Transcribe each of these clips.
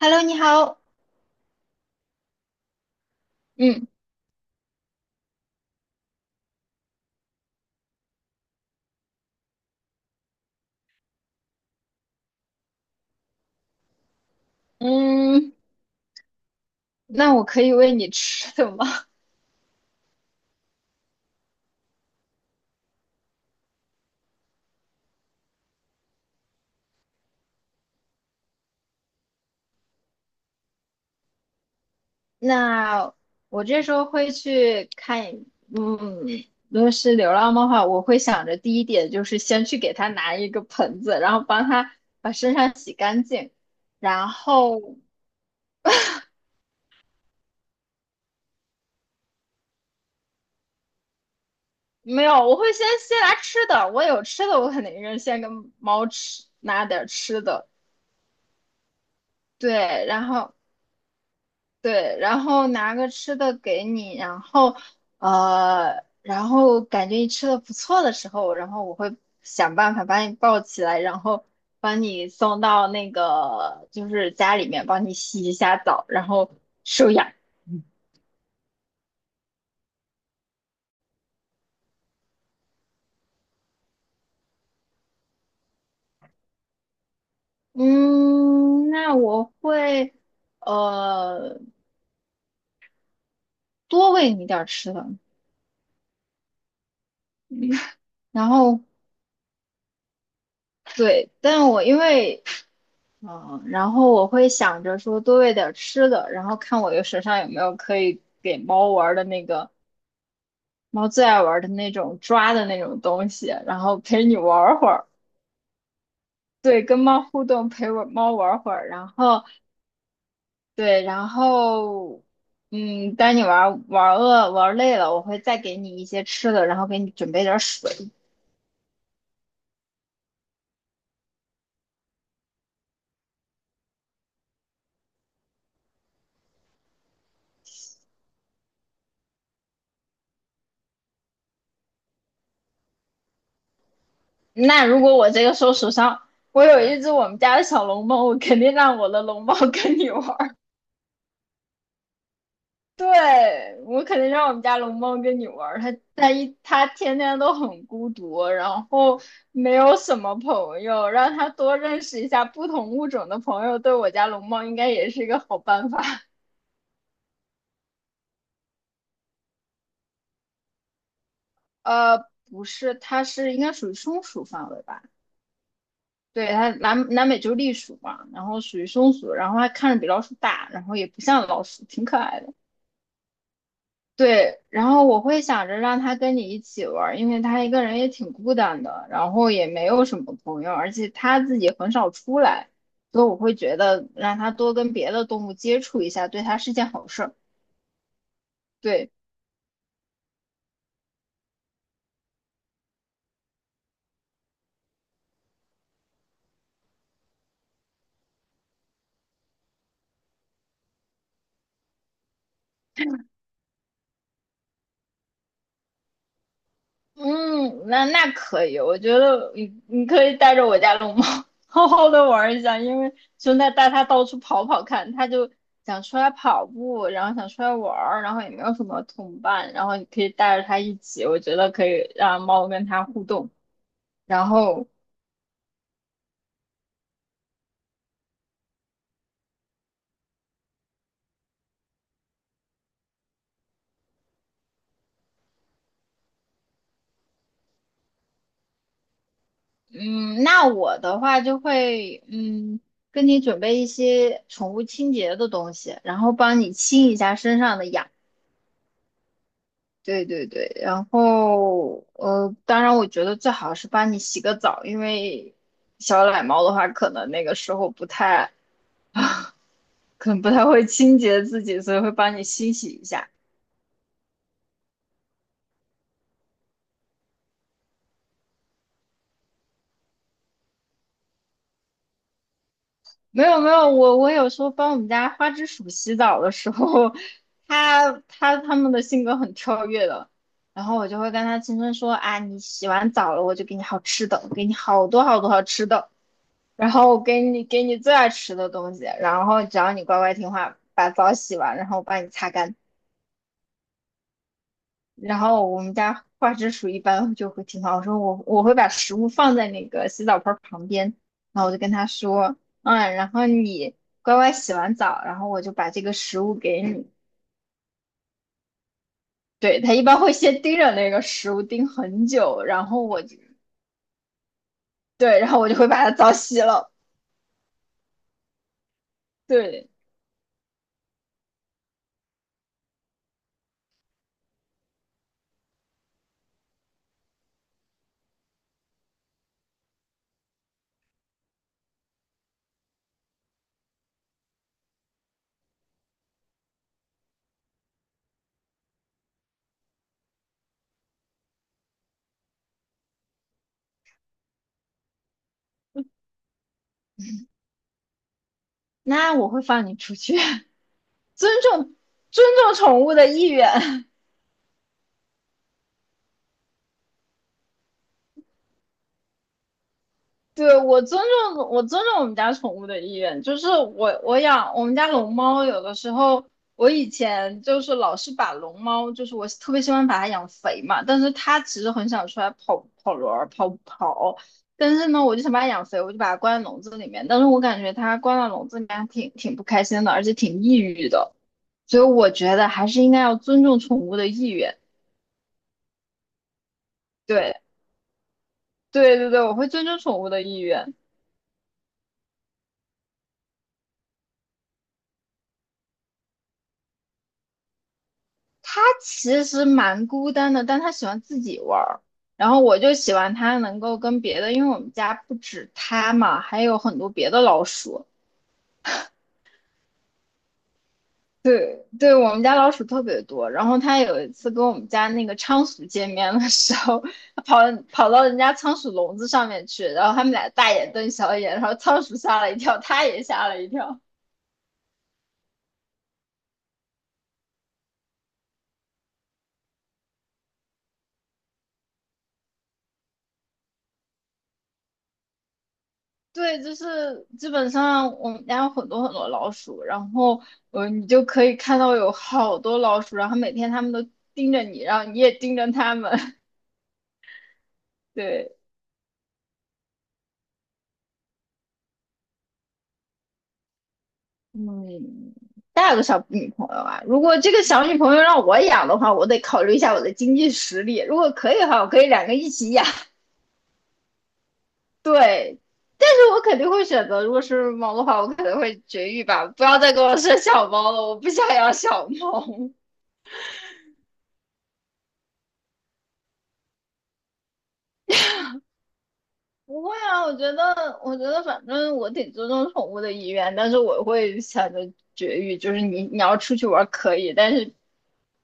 Hello，你好。嗯嗯，那我可以喂你吃的吗？那我这时候会去看嗯，如果是流浪猫的话，我会想着第一点就是先去给它拿一个盆子，然后帮它把身上洗干净，然后没有，我会先拿吃的，我有吃的，我肯定是先跟猫吃拿点儿吃的，对，然后对，然后拿个吃的给你，然后然后感觉你吃的不错的时候，然后我会想办法把你抱起来，然后把你送到那个就是家里面，帮你洗一下澡，然后收养。嗯，那我会呃多喂你点儿吃的，然后对，但我因为嗯，然后我会想着说多喂点吃的，然后看我的手上有没有可以给猫玩儿的那个猫最爱玩儿的那种抓的那种东西，然后陪你玩儿会儿，对，跟猫互动，陪我猫玩儿会儿，然后对，然后嗯，当你玩儿饿玩儿累了，我会再给你一些吃的，然后给你准备点儿水。那如果我这个时候手上我有一只我们家的小龙猫，我肯定让我的龙猫 跟你玩。对，我肯定让我们家龙猫跟你玩儿，它天天都很孤独，然后没有什么朋友，让它多认识一下不同物种的朋友，对我家龙猫应该也是一个好办法。呃，不是，它是应该属于松鼠范围吧？对，它南美洲栗鼠嘛，然后属于松鼠，然后它看着比老鼠大，然后也不像老鼠，挺可爱的。对，然后我会想着让他跟你一起玩儿，因为他一个人也挺孤单的，然后也没有什么朋友，而且他自己很少出来，所以我会觉得让他多跟别的动物接触一下，对他是件好事儿。对，嗯，那那可以，我觉得你你可以带着我家龙猫 好好的玩一下，因为就带它到处跑跑看，它就想出来跑步，然后想出来玩儿，然后也没有什么同伴，然后你可以带着它一起，我觉得可以让猫跟它互动。然后，嗯，那我的话就会，嗯，跟你准备一些宠物清洁的东西，然后帮你清一下身上的痒。对对对，然后当然我觉得最好是帮你洗个澡，因为小奶猫的话，可能那个时候不太，可能不太会清洁自己，所以会帮你清洗一下。没有没有，我我有时候帮我们家花枝鼠洗澡的时候，它们的性格很跳跃的，然后我就会跟它轻声说啊，你洗完澡了，我就给你好吃的，我给你好多好多好吃的。然后我给你最爱吃的东西，然后只要你乖乖听话，把澡洗完，然后我帮你擦干。然后我们家花枝鼠一般就会听话，我说我我会把食物放在那个洗澡盆儿旁边，然后我就跟他说，嗯，然后你乖乖洗完澡，然后我就把这个食物给你。对，它一般会先盯着那个食物盯很久，然后我就对，然后我就会把它澡洗了。对，那我会放你出去，尊重尊重宠物的意愿。对，我尊重我们家宠物的意愿，就是我我养我们家龙猫，有的时候我以前就是老是把龙猫，就是我特别喜欢把它养肥嘛，但是它其实很想出来跑跑轮儿、跑跑，但是呢，我就想把它养肥，我就把它关在笼子里面，但是我感觉它关在笼子里面还挺不开心的，而且挺抑郁的，所以我觉得还是应该要尊重宠物的意愿。对对对对，我会尊重宠物的意愿。其实蛮孤单的，但他喜欢自己玩儿，然后我就喜欢他能够跟别的，因为我们家不止他嘛，还有很多别的老鼠。对，对，我们家老鼠特别多。然后他有一次跟我们家那个仓鼠见面的时候，他跑到人家仓鼠笼子上面去，然后他们俩大眼瞪小眼，然后仓鼠吓了一跳，他也吓了一跳。对，就是基本上我们家有很多很多老鼠，然后你就可以看到有好多老鼠，然后每天它们都盯着你，然后你也盯着它们。对，嗯，带了个小女朋友啊，如果这个小女朋友让我养的话，我得考虑一下我的经济实力。如果可以的话，我可以两个一起养。对，但是我肯定会选择，如果是猫的话，我可能会绝育吧，不要再给我生小猫了，我不想养小猫。不会啊，我觉得，我觉得反正我挺尊重宠物的意愿，但是我会想着绝育，就是你你要出去玩儿可以，但是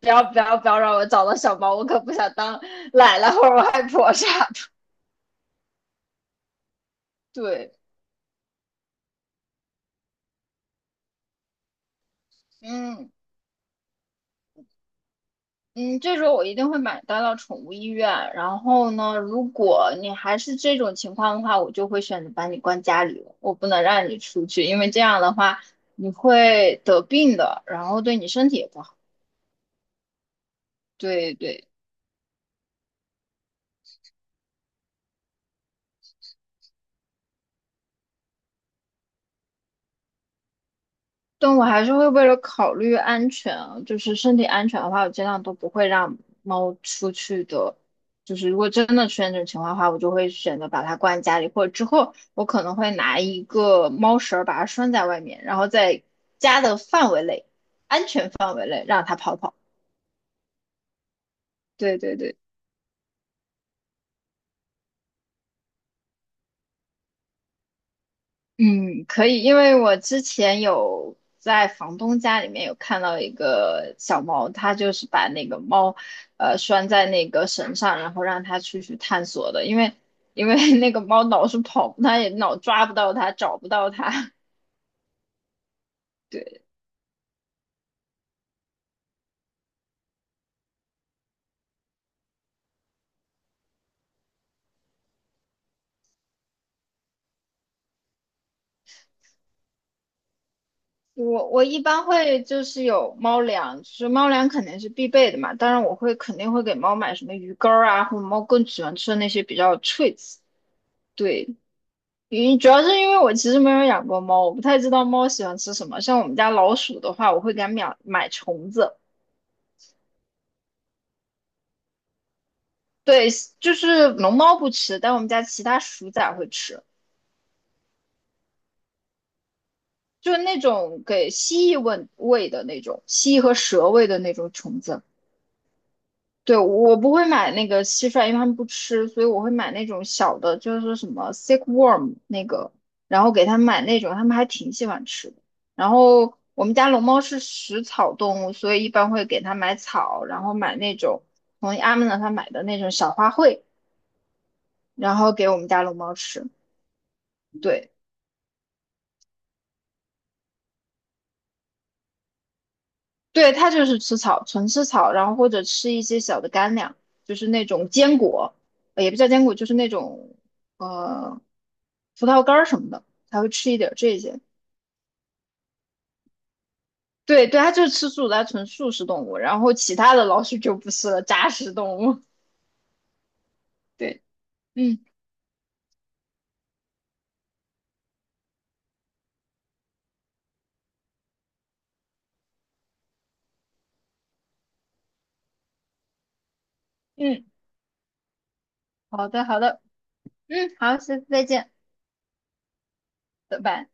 不要让我找到小猫，我可不想当奶奶或者外婆啥的。对，嗯嗯，这时候我一定会买单到宠物医院。然后呢，如果你还是这种情况的话，我就会选择把你关家里了，我不能让你出去，因为这样的话你会得病的，然后对你身体也不好。对对。但我还是会为了考虑安全啊就是身体安全的话，我尽量都不会让猫出去的。就是如果真的出现这种情况的话，我就会选择把它关在家里，或者之后我可能会拿一个猫绳儿把它拴在外面，然后在家的范围内、安全范围内让它跑跑。对对对。嗯，可以，因为我之前有在房东家里面有看到一个小猫，它就是把那个猫，拴在那个绳上，然后让它出去探索的，因为 那个猫老是跑，它也老抓不到它，找不到它。对，我我一般会就是有猫粮，就是猫粮肯定是必备的嘛，当然我会肯定会给猫买什么鱼干儿啊，或者猫更喜欢吃的那些比较 treats。对，因主要是因为我其实没有养过猫，我不太知道猫喜欢吃什么。像我们家老鼠的话，我会给它买虫子。对，就是龙猫不吃，但我们家其他鼠仔会吃，就是那种给蜥蜴喂的那种，蜥蜴和蛇喂的那种虫子。对，我不会买那个蟋蟀，因为他们不吃，所以我会买那种小的，就是什么 sickworm 那个，然后给他们买那种，他们还挺喜欢吃的。然后我们家龙猫是食草动物，所以一般会给它买草，然后买那种从阿姆那他买的那种小花卉，然后给我们家龙猫吃。对。对，它就是吃草，纯吃草，然后或者吃一些小的干粮，就是那种坚果，也不叫坚果，就是那种呃葡萄干儿什么的，它会吃一点儿这些。对对，它就是吃素的，它纯素食动物，然后其他的老鼠就不是了，杂食动物。对，嗯嗯，好的好的，嗯好，下次再见，拜拜。